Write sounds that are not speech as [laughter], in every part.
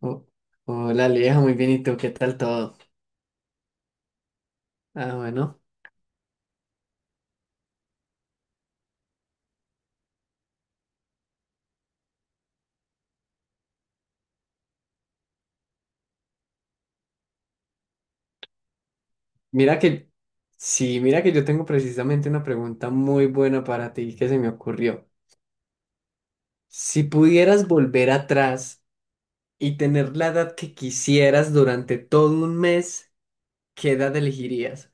Oh, hola, Aleja, muy bien, ¿y tú qué tal todo? Ah, bueno, mira que, sí, mira que yo tengo precisamente una pregunta muy buena para ti que se me ocurrió. Si pudieras volver atrás y tener la edad que quisieras durante todo un mes, ¿qué edad elegirías?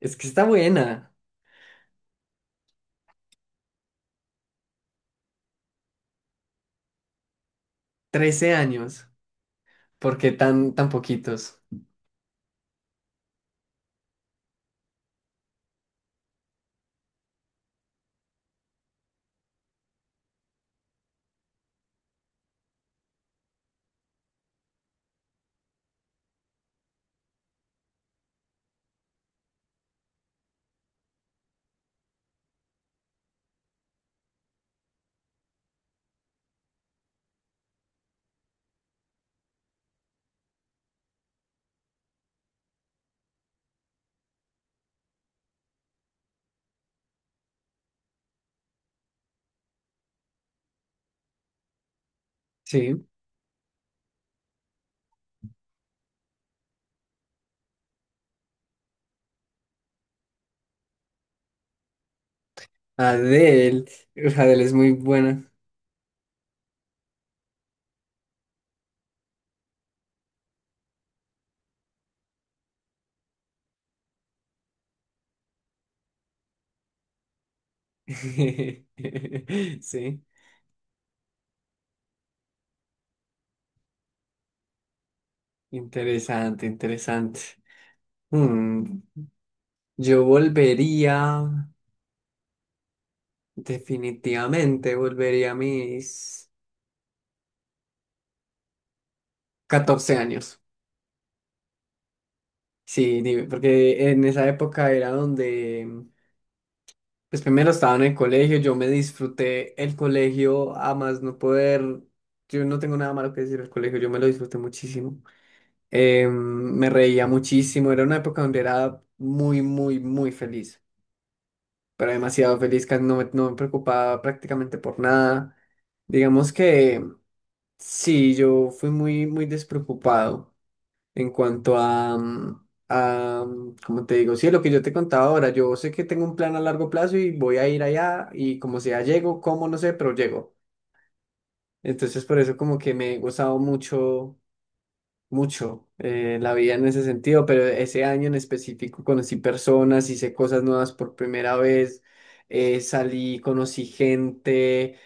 Es que está buena. 13 años. ¿Por qué tan, tan poquitos? Sí, Adele, uf, Adele es muy buena. [laughs] Sí, interesante, interesante. Mm, yo volvería, definitivamente volvería a mis 14 años. Sí, porque en esa época era donde, pues primero estaba en el colegio, yo me disfruté el colegio a más no poder, yo no tengo nada malo que decir del colegio, yo me lo disfruté muchísimo. Em, Me reía muchísimo, era una época donde era muy, muy, muy feliz, pero demasiado feliz, casi no me preocupaba prácticamente por nada. Digamos que... Sí, yo fui muy, muy despreocupado en cuanto a, a, como te digo, sí, lo que yo te contaba ahora, yo sé que tengo un plan a largo plazo y voy a ir allá y como sea, llego, como no sé, pero llego. Entonces, por eso como que me he gozado mucho, mucho la vida en ese sentido, pero ese año en específico conocí personas, hice cosas nuevas por primera vez, salí, conocí gente.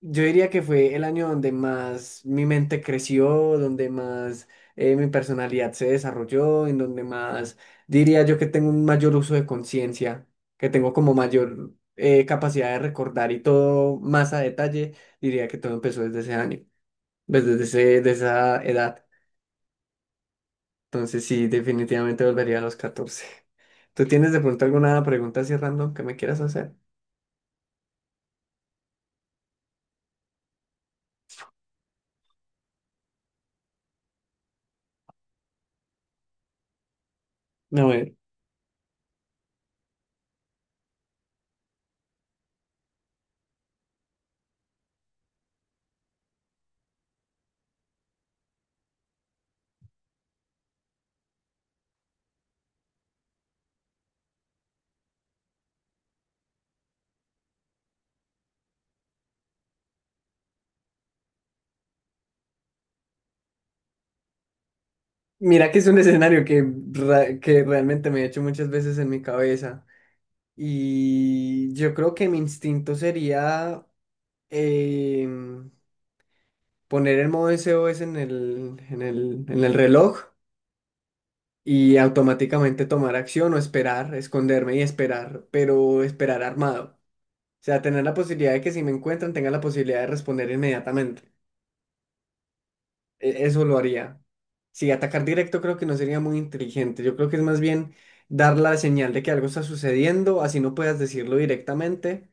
Yo diría que fue el año donde más mi mente creció, donde más mi personalidad se desarrolló, en donde más diría yo que tengo un mayor uso de conciencia, que tengo como mayor capacidad de recordar y todo más a detalle. Diría que todo empezó desde ese año, pues, de esa edad. Entonces sí, definitivamente volvería a los 14. ¿Tú tienes de pronto alguna pregunta así random que me quieras hacer? A ver. Mira que es un escenario que, que realmente me he hecho muchas veces en mi cabeza, y yo creo que mi instinto sería em, poner el modo SOS en en el reloj, y automáticamente tomar acción o esperar, esconderme y esperar, pero esperar armado. O sea, tener la posibilidad de que si me encuentran tenga la posibilidad de responder inmediatamente. Eso lo haría. Sí, atacar directo creo que no sería muy inteligente. Yo creo que es más bien dar la señal de que algo está sucediendo, así no puedas decirlo directamente,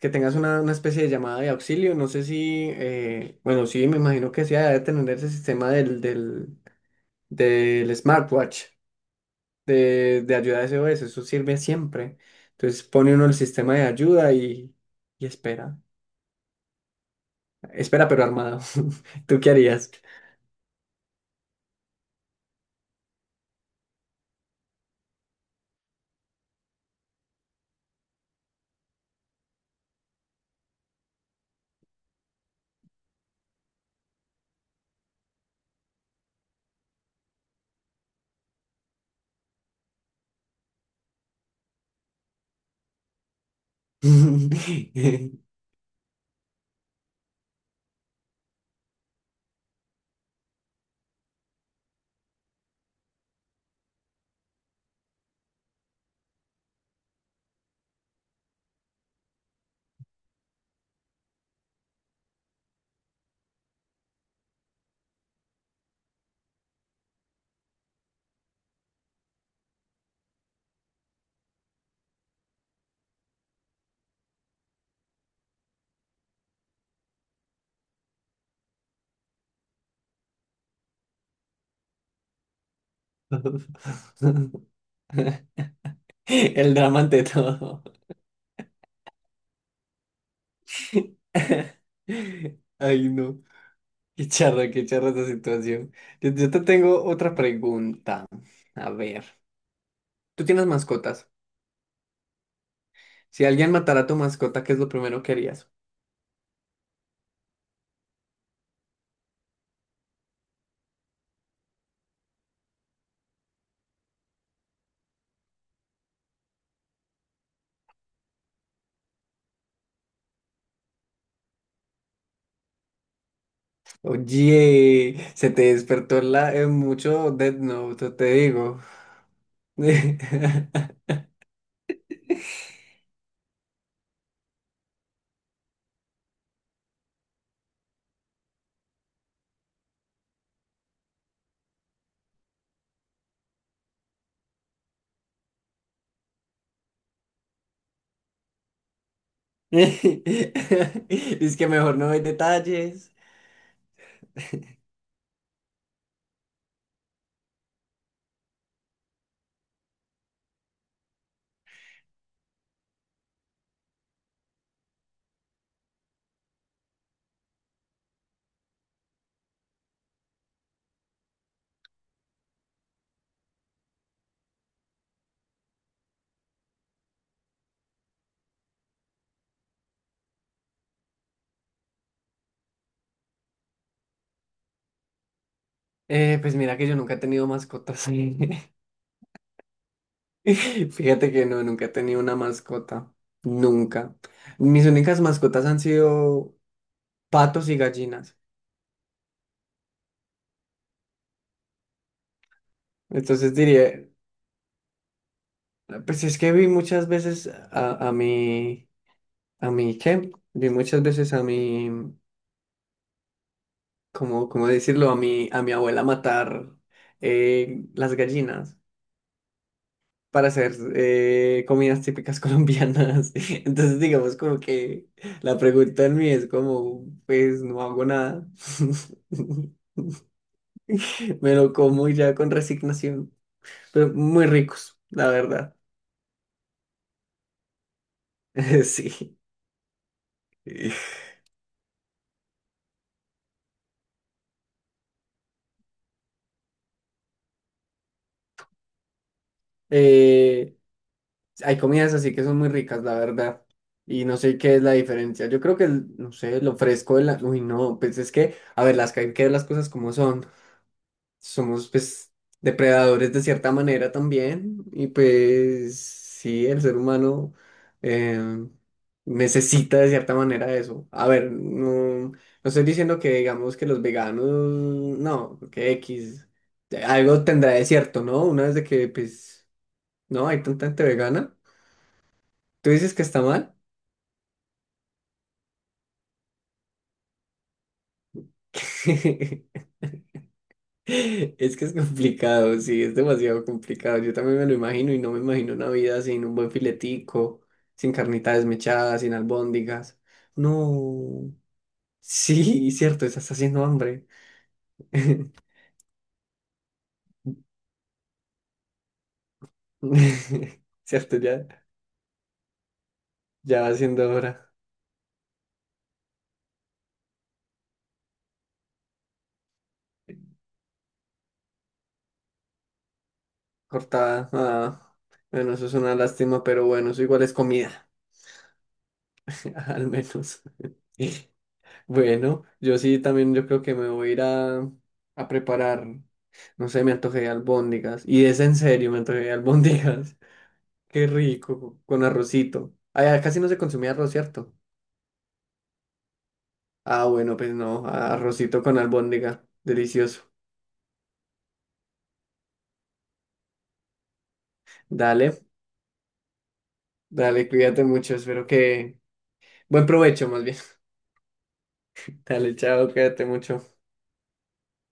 que tengas una especie de llamada de auxilio. No sé si, bueno, sí, me imagino que sí, debe tener ese sistema del smartwatch de ayuda S O S. Eso sirve siempre. Entonces pone uno el sistema de ayuda y espera. Espera, pero armado. [laughs] ¿Tú qué harías? [laughs] [laughs] El drama ante todo. [laughs] Ay, no. Qué charra esta situación. Yo te tengo otra pregunta. A ver, ¿tú tienes mascotas? Si alguien matara a tu mascota, ¿qué es lo primero que harías? Oye, se te despertó la, mucho Death Note, te digo. [laughs] Es que mejor no hay detalles. Pues mira que yo nunca he tenido mascotas. [laughs] [laughs] Fíjate que no, nunca he tenido una mascota. Nunca. Mis únicas mascotas han sido patos y gallinas. Entonces diría, pues es que vi muchas veces a mi, ¿qué? Vi muchas veces a mi, ¿cómo, cómo decirlo? A mi abuela matar las gallinas para hacer comidas típicas [laughs] colombianas. Entonces digamos como que la pregunta en mí es como, pues no hago nada. [laughs] [laughs] Me lo como ya con resignación. Pero muy ricos, la verdad. [laughs] Sí. Eh, hay comidas así que son muy ricas, la verdad. Y no sé qué es la diferencia. Yo creo que, no sé, lo fresco de la... Uy, no, pues es que, a ver, las que hay que ver las cosas como son. Somos pues depredadores de cierta manera también y pues sí, el ser humano eh, necesita de cierta manera eso. A ver, no estoy diciendo que digamos que los veganos, no, que X, algo tendrá de cierto, ¿no? Una vez de que pues no hay tanta gente vegana, tú dices que está mal. [laughs] Es que es complicado, sí, es demasiado complicado. Yo también me lo imagino y no me imagino una vida sin un buen filetico, sin carnita desmechada, sin albóndigas. No. Sí, cierto, estás haciendo hambre. [laughs] Cierto, ya, ya va siendo hora. Cortada. Ah, bueno, eso es una lástima, pero bueno, eso igual es comida, [laughs] al menos. [laughs] Bueno, yo sí también yo creo que me voy a ir a preparar. No sé, me antojé de albóndigas. Y es en serio, me antojé de albóndigas. [laughs] Qué rico, con arrocito. Allá casi no se consumía arroz, ¿cierto? Ah, bueno, pues no, arrocito con albóndiga. Delicioso. Dale, dale, cuídate mucho. Espero que... Buen provecho, más bien. [laughs] Dale, chao, cuídate mucho.